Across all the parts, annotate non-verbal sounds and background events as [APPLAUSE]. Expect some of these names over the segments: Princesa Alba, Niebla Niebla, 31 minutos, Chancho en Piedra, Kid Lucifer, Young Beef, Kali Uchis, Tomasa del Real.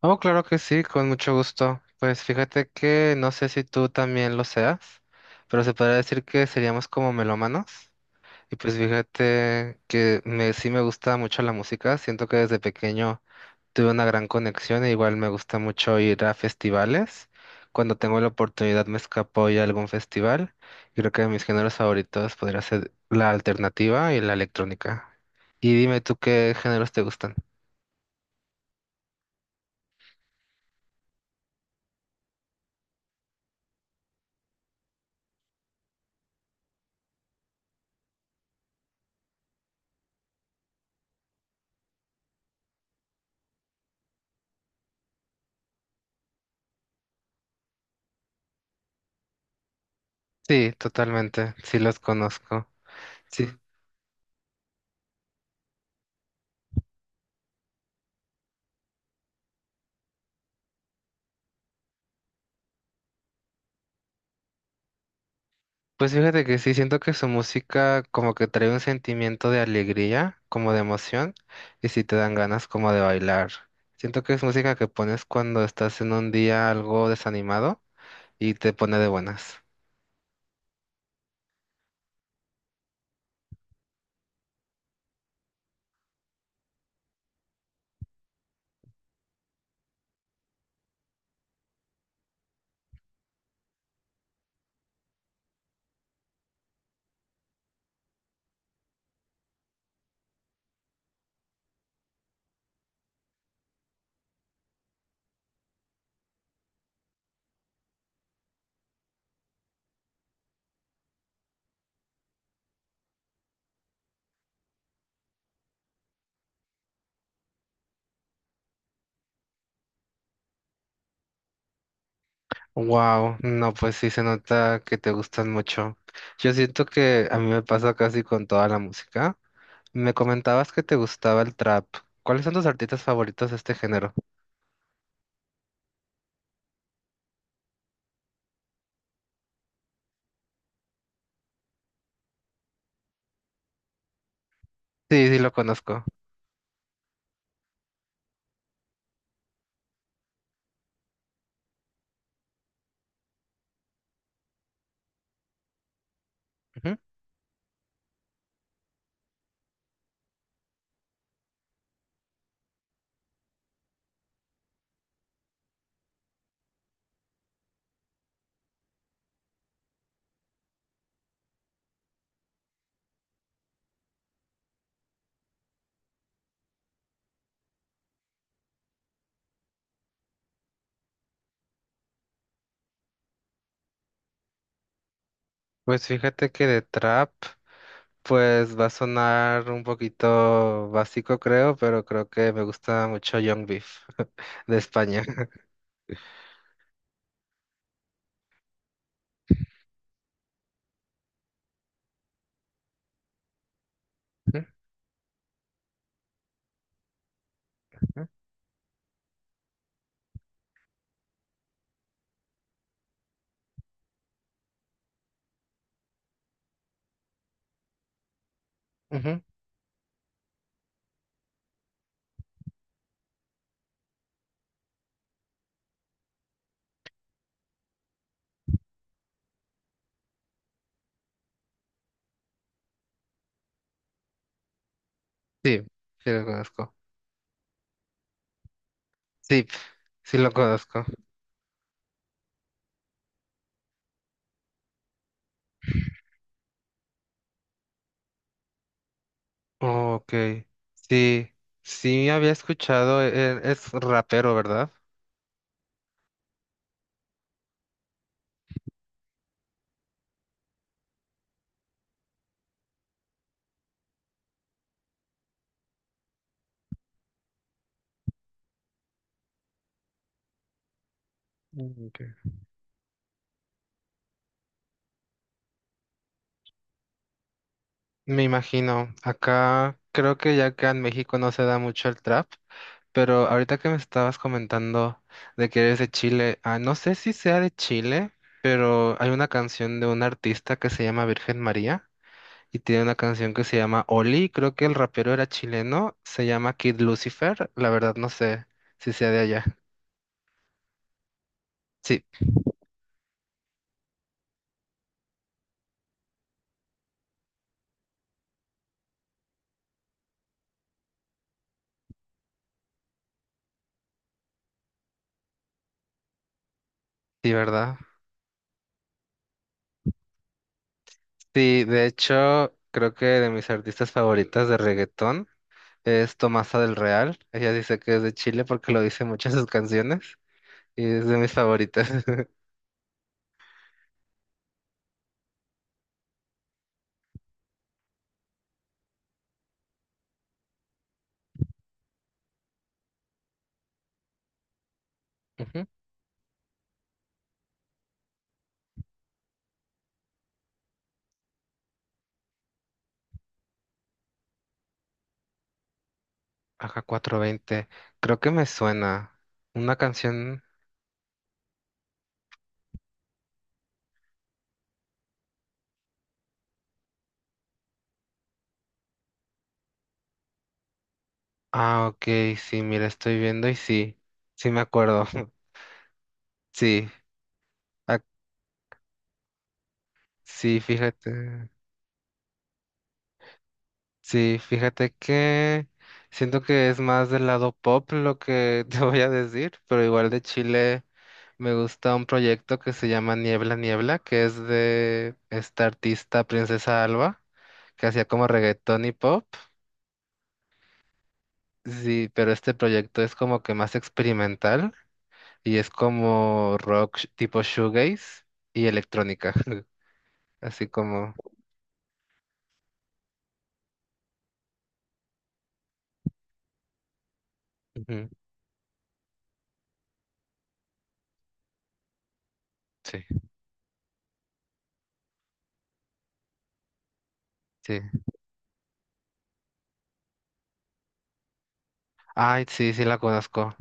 Oh, claro que sí, con mucho gusto. Pues fíjate que no sé si tú también lo seas, pero se podría decir que seríamos como melómanos. Y pues fíjate sí me gusta mucho la música. Siento que desde pequeño tuve una gran conexión e igual me gusta mucho ir a festivales. Cuando tengo la oportunidad me escapo y a algún festival. Y creo que mis géneros favoritos podría ser la alternativa y la electrónica. Y dime tú qué géneros te gustan. Sí, totalmente, sí los conozco. Sí. Pues fíjate que sí, siento que su música como que trae un sentimiento de alegría, como de emoción, y sí te dan ganas como de bailar. Siento que es música que pones cuando estás en un día algo desanimado y te pone de buenas. Wow, no, pues sí se nota que te gustan mucho. Yo siento que a mí me pasa casi con toda la música. Me comentabas que te gustaba el trap. ¿Cuáles son tus artistas favoritos de este género? Sí, sí lo conozco. Ujú. Pues fíjate que de trap. Pues va a sonar un poquito básico, creo, pero creo que me gusta mucho Young Beef [LAUGHS] de España. Ujú, ujú. Sí, sí lo conozco. Sí, sí lo conozco. Ok, sí, sí había escuchado, es rapero, ¿verdad? Mm, ok. Me imagino, acá creo que ya que en México no se da mucho el trap. Pero ahorita que me estabas comentando de que eres de Chile, ah, no sé si sea de Chile, pero hay una canción de un artista que se llama Virgen María y tiene una canción que se llama Oli, creo que el rapero era chileno, se llama Kid Lucifer, la verdad no sé si sea de allá. Sí, sí, ¿verdad? Sí, de hecho, creo que de mis artistas favoritas de reggaetón es Tomasa del Real, ella dice que es de Chile porque lo dice mucho en sus canciones y es de mis favoritas. [LAUGHS] AK20. Creo que me suena. Una canción. Ah, ok, sí, mira, estoy viendo y sí. Sí me acuerdo. [LAUGHS] Sí. Ah, sí, fíjate. Sí, fíjate que siento que es más del lado pop lo que [LAUGHS] te voy a decir, pero igual de Chile me gusta un proyecto que se llama Niebla Niebla, que es de esta artista Princesa Alba, que hacía como reggaetón y pop. Sí, pero este proyecto es como que más experimental. Y es como rock tipo shoegaze y electrónica. [LAUGHS] Así como. Ujú. Sí, sí. Ay, sí, sí la conozco.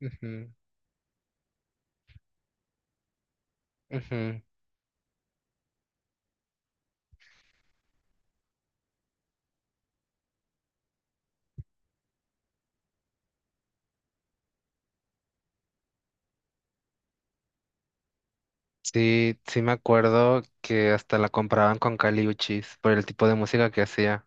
Ujú, ujú. Sí, sí me acuerdo que hasta la compraban con Kali Uchis por el tipo de música que hacía.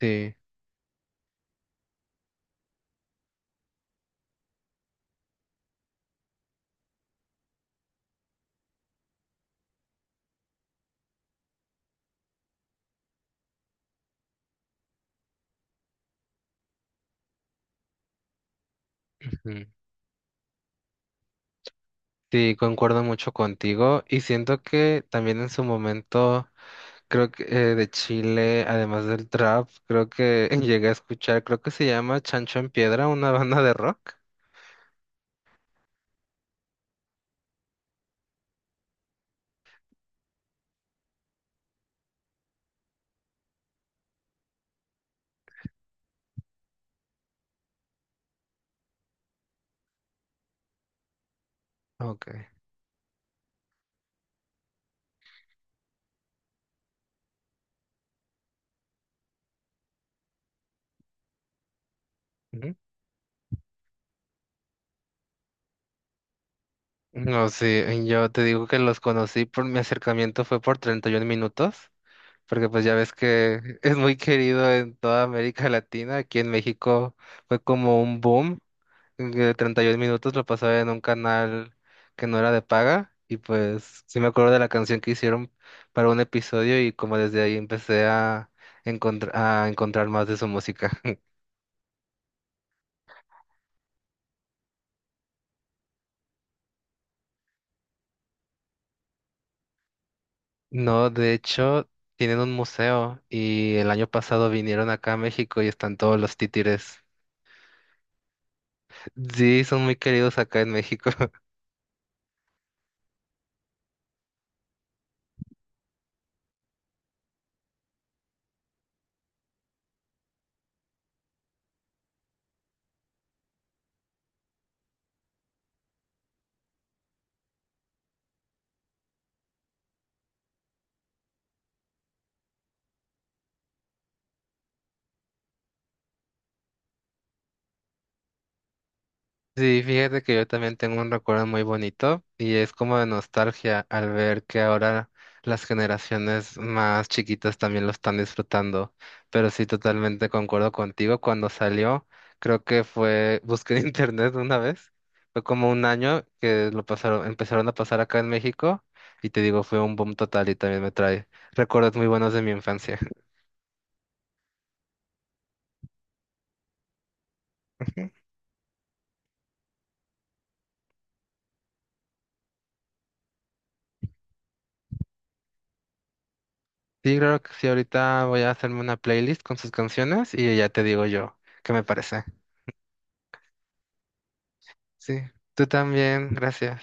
Sí. Ujú. Sí, concuerdo mucho contigo. Y siento que también en su momento, creo que de Chile, además del trap, creo que [LAUGHS] llegué a escuchar, creo que se llama Chancho en Piedra, una banda de rock. Ok. No, sí, yo te digo que los conocí, por mi acercamiento fue por 31 minutos, porque pues ya ves que [LAUGHS] es muy querido en toda América Latina. Aquí en México fue como un boom, que 31 minutos lo pasaba en un canal que no era de paga y pues sí me acuerdo de la canción que hicieron para un episodio y como desde ahí empecé a a encontrar más de su música. [LAUGHS] No, de hecho, tienen un museo y el año pasado vinieron acá a México y están todos los títeres. Sí, son muy queridos acá en México. [LAUGHS] Sí, fíjate que yo también tengo un recuerdo muy bonito y es como de nostalgia al ver que ahora las generaciones más chiquitas también lo están disfrutando. Pero sí, totalmente concuerdo contigo. Cuando salió, creo que fue, busqué en [LAUGHS] internet una vez, fue como un año que lo pasaron, empezaron a pasar acá en México y te digo, fue un boom total y también me trae recuerdos muy buenos de mi infancia. [LAUGHS] Sí, claro que sí, ahorita voy a hacerme una playlist con sus canciones y ya te digo yo qué me parece. Sí, tú también, gracias.